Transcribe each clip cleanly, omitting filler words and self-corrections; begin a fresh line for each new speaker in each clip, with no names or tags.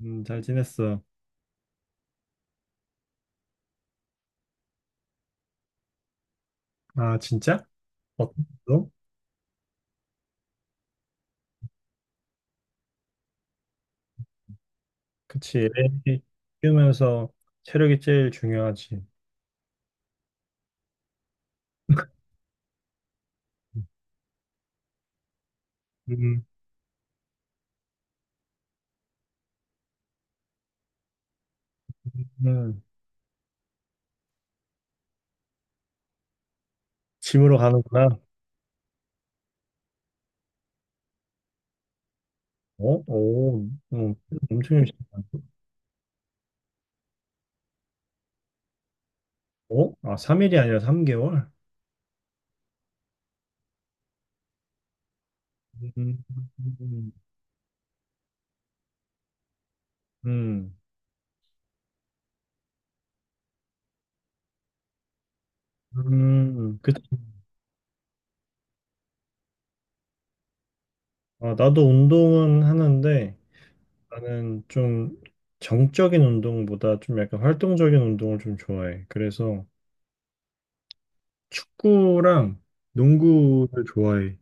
잘 지냈어. 아, 진짜? 어떤 거? 그치. 애 키우면서 체력이 제일 중요하지. 음, 음. 짐으로 가는구나. 어? 오, 어, 엄청 열심히 가네. 어? 아, 3일이 아니라 3개월? 음, 음, 음, 그치. 아, 나도 운동은 하는데, 나는 좀 정적인 운동보다 좀 약간 활동적인 운동을 좀 좋아해. 그래서 축구랑 농구를 좋아해.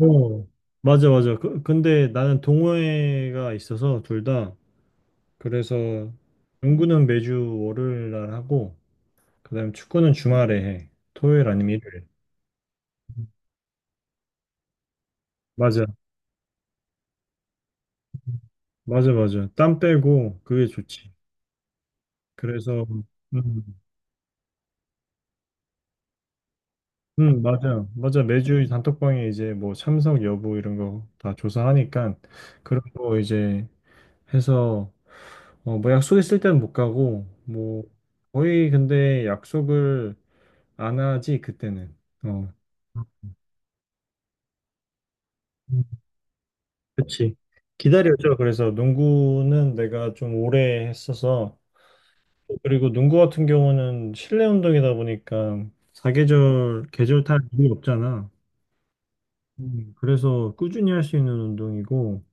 어, 맞아, 맞아. 근데 나는 동호회가 있어서 둘 다. 그래서 농구는 매주 월요일 날 하고, 그다음 축구는 주말에 해. 토요일 아니면 일요일. 맞아, 맞아, 맞아. 땀 빼고 그게 좋지. 그래서, 음, 맞아, 맞아. 매주 단톡방에 이제 뭐 참석 여부 이런 거 다 조사하니까 그런 거 이제 해서 어, 뭐 약속 있을 때는 못 가고, 뭐 거의 근데 약속을 안 하지, 그때는. 어. 음, 그치. 기다려줘. 그래서 농구는 내가 좀 오래 했어서 그리고 농구 같은 경우는 실내 운동이다 보니까 사계절 계절 탈 일이 없잖아. 그래서 꾸준히 할 수 있는 운동이고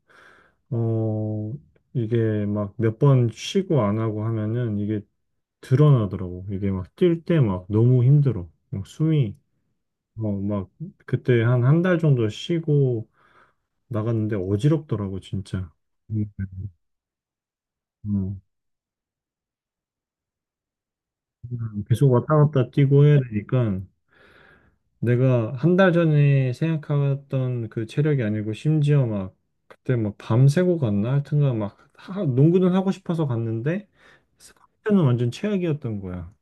어 이게 막 몇 번 쉬고 안 하고 하면은 이게 드러나더라고. 이게 막 뛸 때 막 너무 힘들어. 막 숨이 어 막 그때 한 한 달 정도 쉬고 나갔는데 어지럽더라고, 진짜. 음, 음. 계속 왔다 갔다 뛰고 해야 되니까 내가 한 달 전에 생각했던 그 체력이 아니고 심지어 막 그때 막 밤새고 갔나? 하여튼간 막 농구는 하고 싶어서 갔는데 상태는 완전 최악이었던 거야.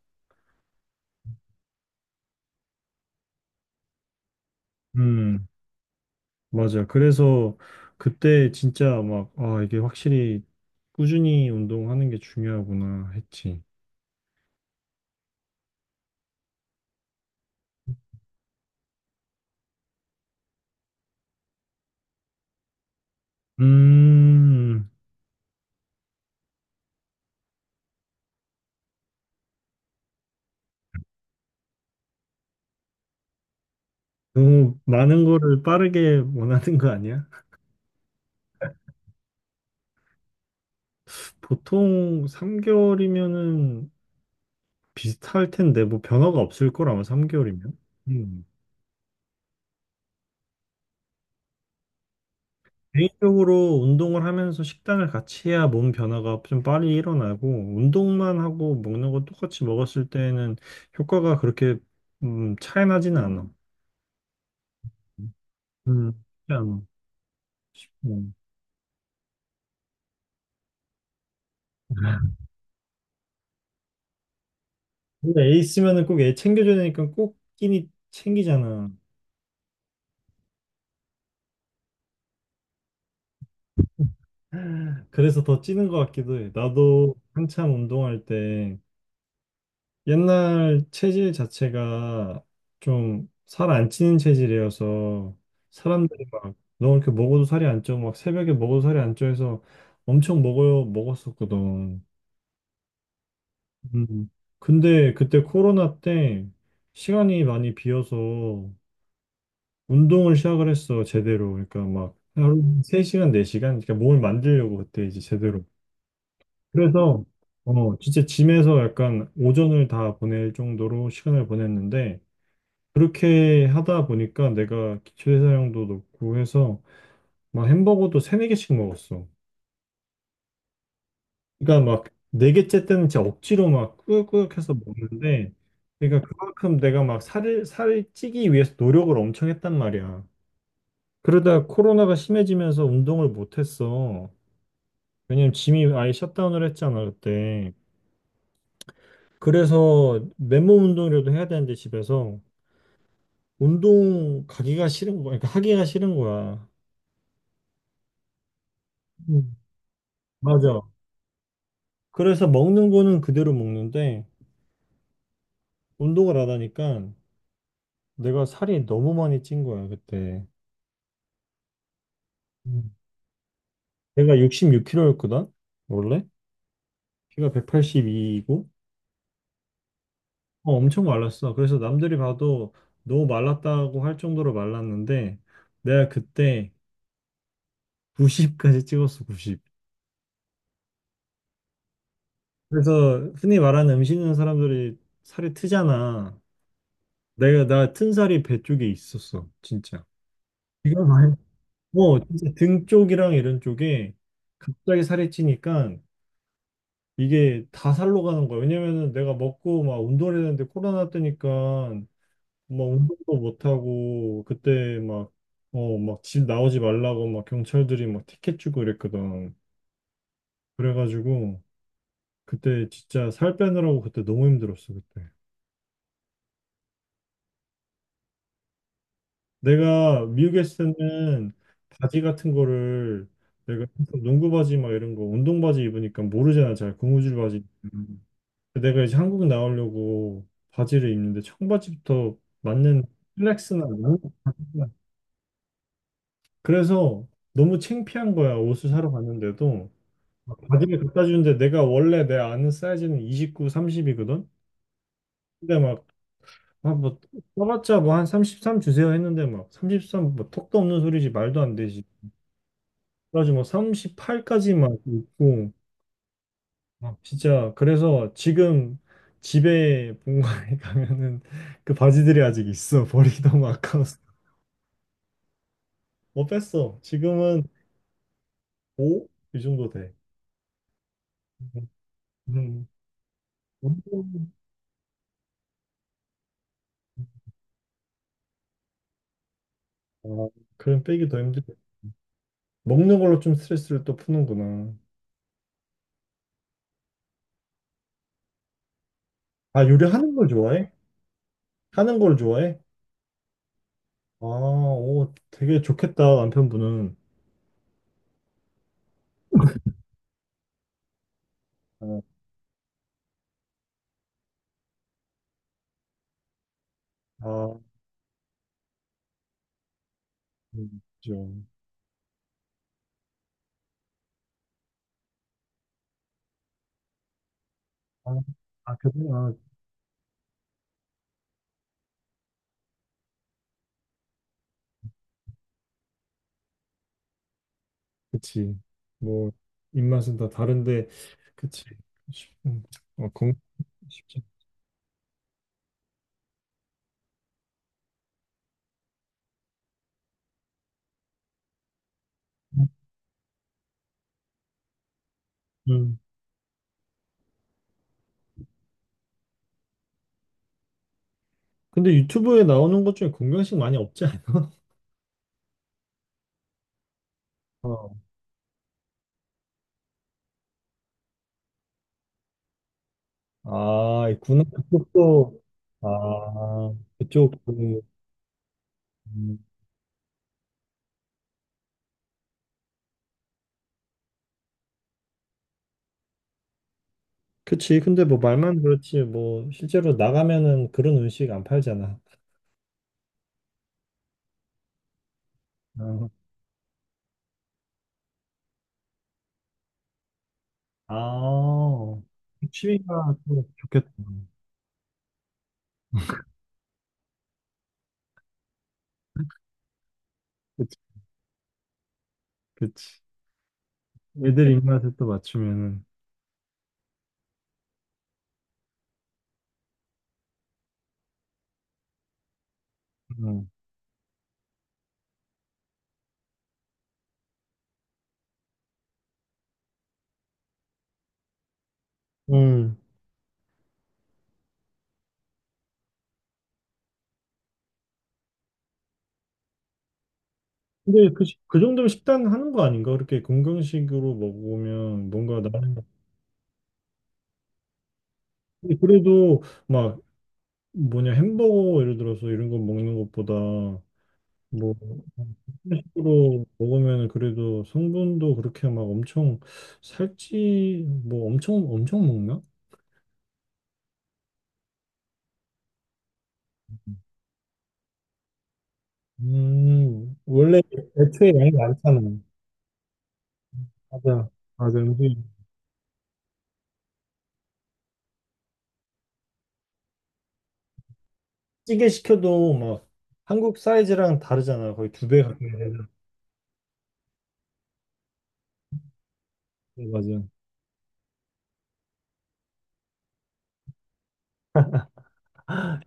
음, 맞아. 그래서 그때 진짜 막, 아, 이게 확실히 꾸준히 운동하는 게 중요하구나 했지. 음, 너무 많은 거를 빠르게 원하는 거 아니야? 보통 3개월이면은 비슷할 텐데 뭐 변화가 없을 거라면 3개월이면. 음. 개인적으로 운동을 하면서 식단을 같이 해야 몸 변화가 좀 빨리 일어나고 운동만 하고 먹는 거 똑같이 먹었을 때는 효과가 그렇게 차이 나지는 않아. 음, 그렇지 않아. 음. 근데 애 있으면은 꼭 애 챙겨줘야 되니까 꼭 끼니 챙기잖아. 그래서 더 찌는 것 같기도 해. 나도 한참 운동할 때 옛날 체질 자체가 좀 살 안 찌는 체질이어서 사람들이 막 너 이렇게 먹어도 살이 안 쪄. 막 새벽에 먹어도 살이 안 쪄 해서 엄청 먹어요. 먹었었거든. 음. 근데 그때 코로나 때 시간이 많이 비어서 운동을 시작을 했어. 제대로. 그러니까 막 하루 3시간, 4시간 그러니까 몸을 만들려고 그때 이제 제대로. 그래서 어 진짜 짐에서 약간 오전을 다 보낼 정도로 시간을 보냈는데 그렇게 하다 보니까 내가 기초 대사량도 높고 해서 막 햄버거도 세네 개씩 먹었어. 그러니까 막 네 개째 때는 진짜 억지로 막 꾸역꾸역해서 먹는데 그러니까 그만큼 내가 막 살을 찌기 위해서 노력을 엄청 했단 말이야. 그러다 코로나가 심해지면서 운동을 못 했어. 왜냐면 짐이 아예 셧다운을 했잖아, 그때. 그래서 맨몸 운동이라도 해야 되는데 집에서 운동 가기가 싫은 거야. 그러니까 하기가 싫은 거야. 음. 맞아. 그래서 먹는 거는 그대로 먹는데 운동을 안 하니까 내가 살이 너무 많이 찐 거야, 그때. 음. 내가 66kg였거든, 원래? 키가 182이고 엄청 말랐어. 그래서 남들이 봐도 너무 말랐다고 할 정도로 말랐는데 내가 그때 90까지 찍었어, 90. 그래서 흔히 말하는 음식 있는 사람들이 살이 트잖아. 내가 나 튼 살이 배 쪽에 있었어, 진짜. 이거 많이. 어, 진짜 등 쪽이랑 이런 쪽에 갑자기 살이 찌니까 이게 다 살로 가는 거야. 왜냐면은 내가 먹고 막 운동을 했는데 코로나 뜨니까 막 운동도 못 하고 그때 막 어, 막 집 나오지 말라고 막 경찰들이 막 티켓 주고 이랬거든. 그래가지고 그때 진짜 살 빼느라고 그때 너무 힘들었어, 그때. 내가 미국에 있을 때는 바지 같은 거를 내가 항상 농구 바지 막 이런 거 운동 바지 입으니까 모르잖아 잘 고무줄 바지 음. 내가 이제 한국 나오려고 바지를 입는데 청바지부터 맞는 슬랙스나 맞는 바지나. 그래서 너무 창피한 거야 옷을 사러 갔는데도 막 바지를 갖다 주는데 내가 원래 내 아는 사이즈는 29, 30이거든 근데 막 아, 뭐, 써봤자 뭐 한 33 주세요 했는데 막 33, 뭐 턱도 없는 소리지 말도 안 되지 가지고 뭐 38까지만 있고, 막 진짜, 그래서 지금 집에 본가에 가면은 그 바지들이 아직 있어. 버리기 너무 아까워서. 뭐 뺐어. 지금은 오? 이 정도 돼. 음, 운동, 아, 그럼 빼기 더 힘들어. 먹는 걸로 좀 스트레스를 또 푸는구나. 아, 요리하는 걸 좋아해? 하는 걸 좋아해? 아, 오, 되게 좋겠다, 남편분은. 아, 아, 그죠. 아, 아, 그구나. 그치. 뭐, 입맛은 다 다른데, 그치. 쉽- 음, 어, 쉽지. 않나? 음. 근데 유튜브에 나오는 것 중에 건강식 많이 없지 않아? 어. 아, 있구나. 그것도, 아, 그쪽, 그, 음. 그치. 근데 뭐 말만 그렇지, 뭐, 실제로 나가면은 그런 음식 안 팔잖아. 어. 아, 취미가 또 좋겠다. 그치, 그치. 애들 입맛에 또 맞추면은. 음. 음. 근데 그, 그 정도면 식단 하는 거 아닌가? 그렇게 건강식으로 먹으면 뭔가 나는 근데 그래도 막 뭐냐 햄버거 예를 들어서 이런 거 먹는 것보다 뭐 그런 식으로 먹으면 그래도 성분도 그렇게 막 엄청 살찌 뭐 엄청 엄청 먹나? 원래 애초에 양이 많잖아. 맞아 맞아 음식 찌개 시켜도 막 한국 사이즈랑 다르잖아 거의 두 배 가까이 되잖아. 맞아.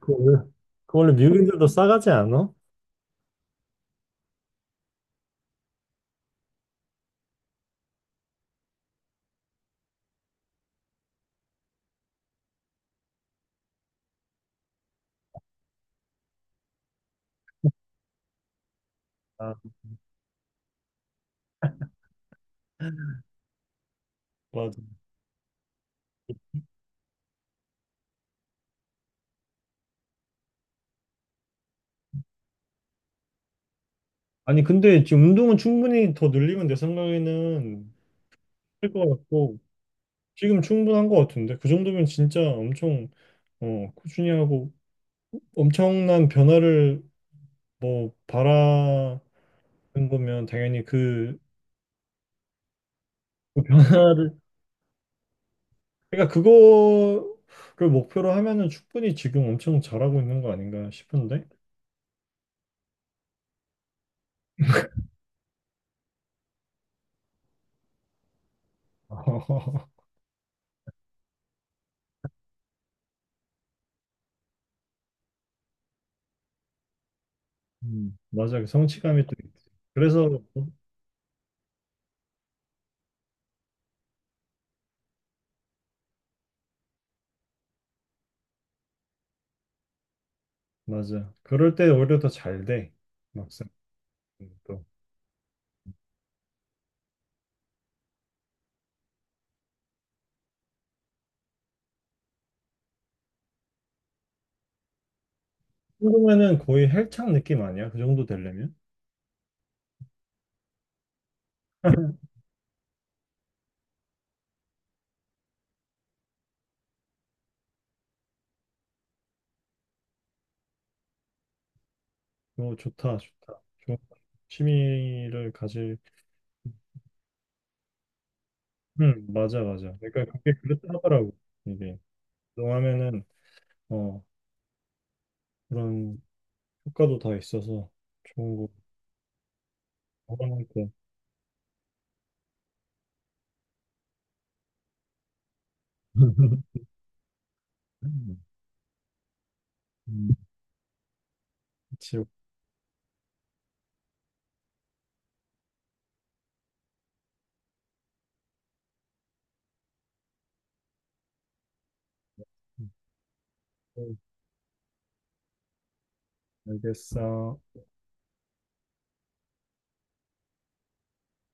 그 원래 그 원래 미국인들도 싸가지 않아? 아, 맞아. 아니, 근데 지금 운동은 충분히 더 늘리면 내 생각에는 할 것 같고, 지금 충분한 것 같은데, 그 정도면 진짜 엄청, 어, 꾸준히 하고, 엄청난 변화를 뭐, 바라는 거면 당연히 그, 변화를, 그러니까 그거를 목표로 하면은 충분히 지금 엄청 잘하고 있는 거 아닌가 싶은데? 맞아, 그 성취감이 또 있지. 그래서 뭐 맞아. 그럴 때 오히려 더 잘 돼. 막상 또 궁금해는 거의 헬창 느낌 아니야? 그 정도 되려면? 오, 좋다, 좋다. 좋은 취미를 가질. 맞아, 맞아. 그러니까 그게 그렇더라고. 하 이게 운동하면은 어 그런 효과도 다 있어서 좋은 거. 건강할 때. 음, 그치. 음, 알겠어.